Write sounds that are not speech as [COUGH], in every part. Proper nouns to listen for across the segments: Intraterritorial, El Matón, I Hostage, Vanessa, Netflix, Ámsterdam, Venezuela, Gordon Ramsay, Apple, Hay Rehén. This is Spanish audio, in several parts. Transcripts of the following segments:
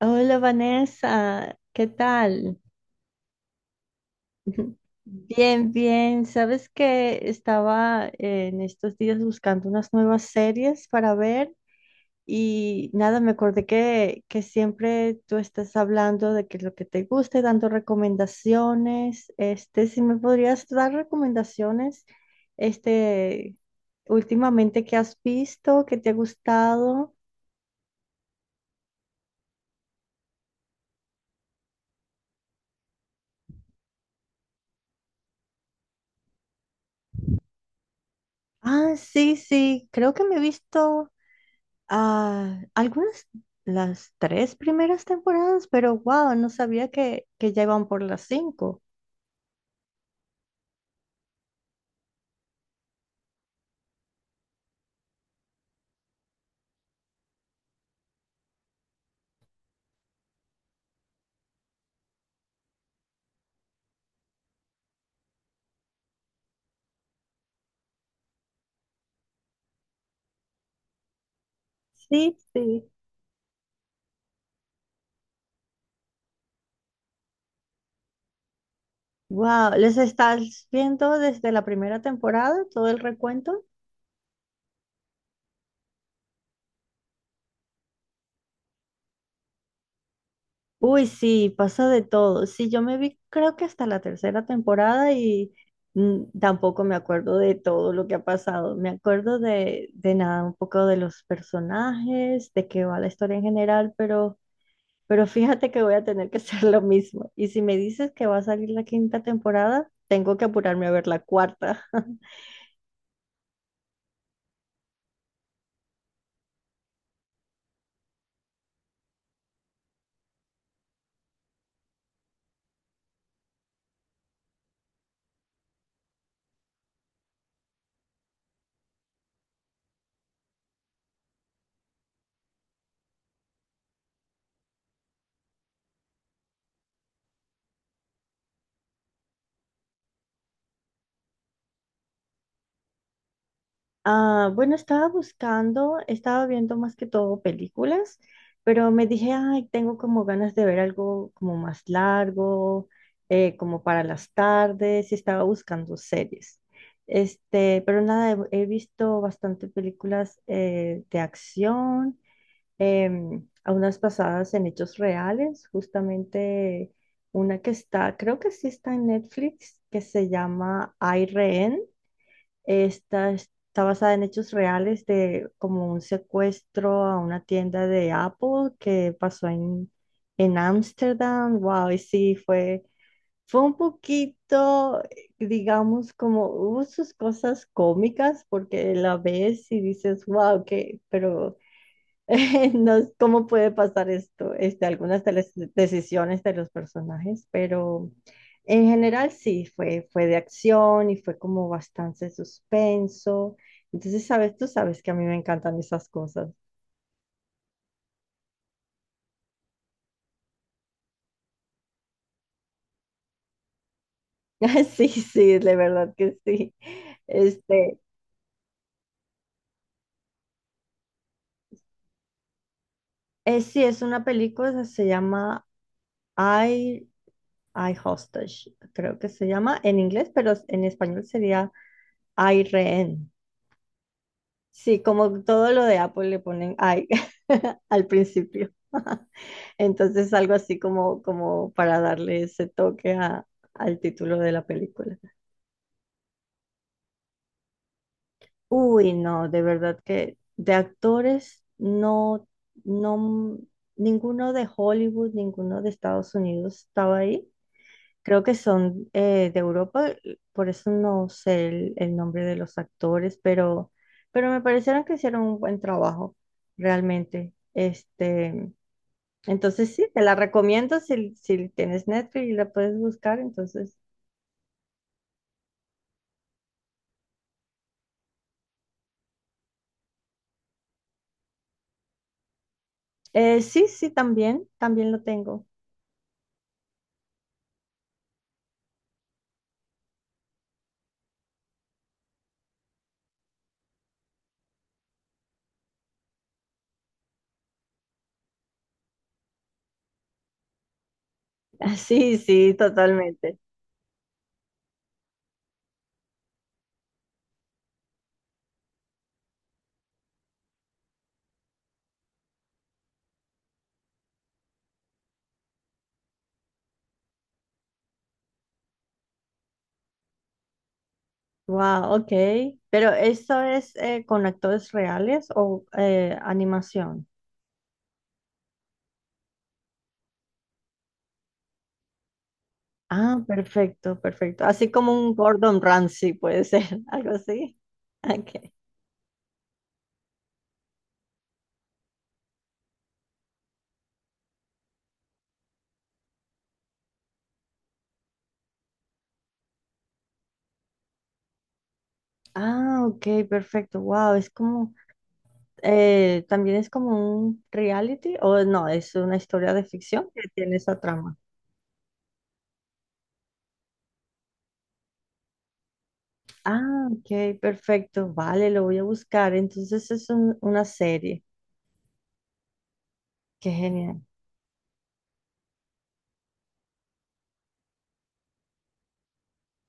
Hola Vanessa, ¿qué tal? [LAUGHS] Bien, bien. Sabes que estaba en estos días buscando unas nuevas series para ver y nada, me acordé que siempre tú estás hablando de que lo que te guste, dando recomendaciones. Este, si me podrías dar recomendaciones, este, últimamente que has visto, que te ha gustado. Ah, sí, sí, creo que me he visto. Ah, algunas, las tres primeras temporadas, pero wow, no sabía que ya iban por las cinco. Sí, sí. Wow, ¿les estás viendo desde la primera temporada todo el recuento? Uy, sí, pasa de todo. Sí, yo me vi creo que hasta la tercera temporada y mm, tampoco me acuerdo de todo lo que ha pasado. Me acuerdo de nada, un poco de los personajes, de qué va la historia en general, pero... Pero fíjate que voy a tener que [LAUGHS] hacer lo mismo. Y si me dices que va a salir la quinta temporada, tengo que apurarme a ver la cuarta. [LAUGHS] Ah, bueno, estaba buscando, estaba viendo más que todo películas, pero me dije, ay, tengo como ganas de ver algo como más largo, como para las tardes, y estaba buscando series. Este, pero nada, he visto bastante películas de acción. A unas basadas en hechos reales, justamente una que está, creo que sí está en Netflix, que se llama Hay Rehén. Esta está basada en hechos reales de como un secuestro a una tienda de Apple que pasó en Ámsterdam. Wow, y sí, fue, fue un poquito, digamos, como hubo sus cosas cómicas porque la ves y dices, wow, que, pero [LAUGHS] no, ¿cómo puede pasar esto? Este, algunas de las decisiones de los personajes, pero en general sí, fue, fue de acción y fue como bastante suspenso. Entonces, sabes, tú sabes que a mí me encantan esas cosas. [LAUGHS] Sí, sí, de verdad que sí. Este, sí, es una película, se llama I, I Hostage, creo que se llama en inglés, pero en español sería I Rehén. Sí, como todo lo de Apple le ponen ay [LAUGHS] al principio. [LAUGHS] Entonces algo así como, como para darle ese toque al título de la película. Uy, no, de verdad que de actores no, no, ninguno de Hollywood, ninguno de Estados Unidos estaba ahí. Creo que son de Europa, por eso no sé el nombre de los actores, pero me parecieron que hicieron un buen trabajo, realmente. Este, entonces sí, te la recomiendo si, si tienes Netflix y la puedes buscar, entonces. Sí, sí, también, también lo tengo. [LAUGHS] Ah, sí, sí, totalmente. Wow, ok. Pero ¿esto es con actores reales o animación? Ah, perfecto, perfecto. Así como un Gordon Ramsay puede ser, [LAUGHS] algo así. Okay. Ah, ok, perfecto. Wow, es como, también es como un reality o no, es una historia de ficción que tiene esa trama. Ah, ok, perfecto. Vale, lo voy a buscar. Entonces es una serie. Qué genial.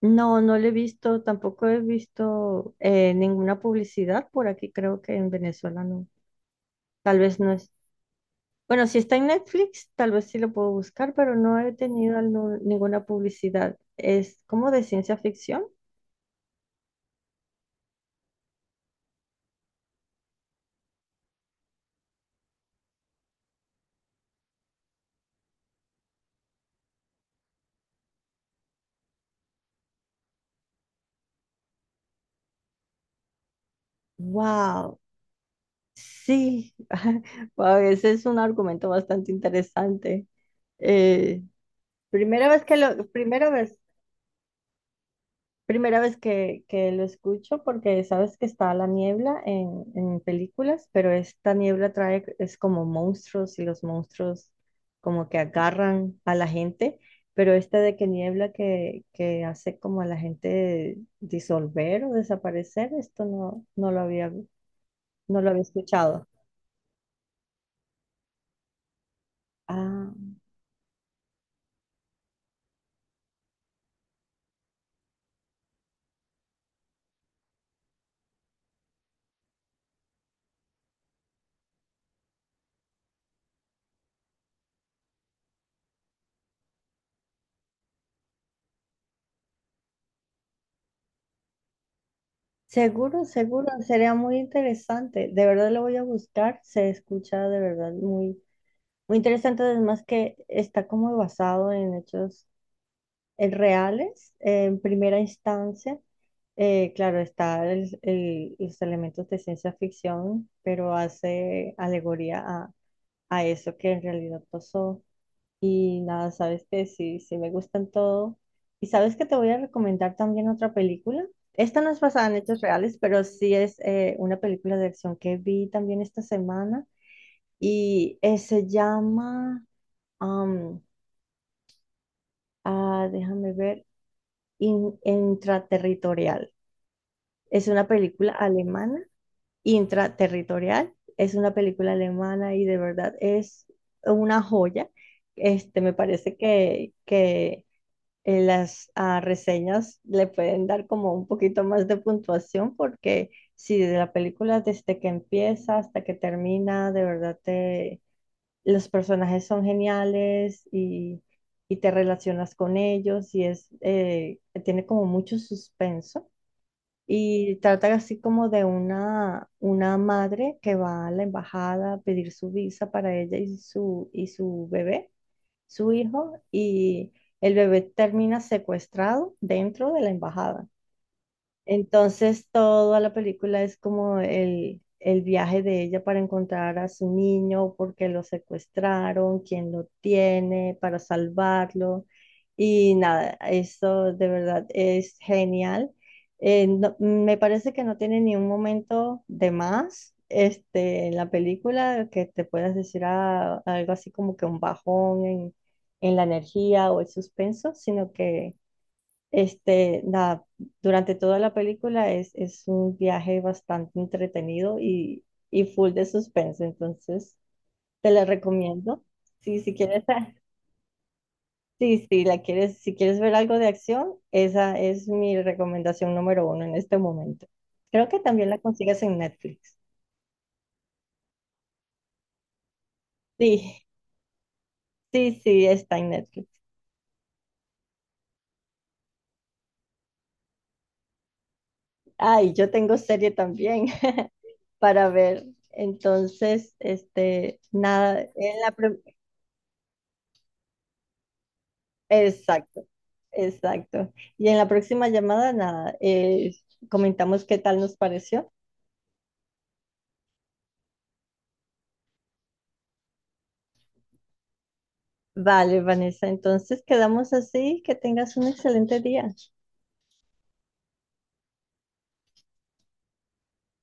No, no lo he visto, tampoco he visto ninguna publicidad por aquí, creo que en Venezuela no. Tal vez no es. Bueno, si está en Netflix, tal vez sí lo puedo buscar, pero no he tenido ninguna publicidad. Es como de ciencia ficción. Wow, sí. [LAUGHS] Wow, ese es un argumento bastante interesante. Eh, primera vez Primera vez que lo escucho porque sabes que está la niebla en películas, pero esta niebla trae, es como monstruos y los monstruos como que agarran a la gente, pero esta de que niebla que hace como a la gente disolver o desaparecer, esto no lo había, no lo había escuchado. Ah, seguro, seguro, sería muy interesante. De verdad lo voy a buscar, se escucha de verdad muy muy interesante además que está como basado en hechos reales en primera instancia. Claro, está los elementos de ciencia ficción, pero hace alegoría a eso que en realidad pasó. Y nada, sabes que sí, sí me gustan todo. Y sabes que te voy a recomendar también otra película. Esta no es basada en hechos reales, pero sí es una película de acción que vi también esta semana y se llama... Ah, déjame ver. Intraterritorial. Es una película alemana. Intraterritorial. Es una película alemana y de verdad es una joya. Este, me parece que las reseñas le pueden dar como un poquito más de puntuación porque si de la película desde que empieza hasta que termina, de verdad te los personajes son geniales y te relacionas con ellos y es, tiene como mucho suspenso y trata así como de una madre que va a la embajada a pedir su visa para ella y su bebé, su hijo, y el bebé termina secuestrado dentro de la embajada. Entonces toda la película es como el viaje de ella para encontrar a su niño, porque lo secuestraron, quién lo tiene, para salvarlo. Y nada, eso de verdad es genial. Me parece que no tiene ni un momento de más este, en la película que te puedas decir ah, algo así como que un bajón en la energía o el suspenso, sino que... Este, nada, durante toda la película es un viaje bastante entretenido y full de suspense, entonces te la recomiendo. Sí, si quieres, [LAUGHS] sí, sí, la quieres, si quieres ver algo de acción, esa es mi recomendación número uno en este momento. Creo que también la consigues en Netflix. Sí, sí, sí, está en Netflix. Ay, yo tengo serie también [LAUGHS] para ver. Entonces, este, nada, en la, exacto, exacto. Y en la próxima llamada, nada, comentamos qué tal nos pareció. Vale, Vanessa, entonces quedamos así, que tengas un excelente día.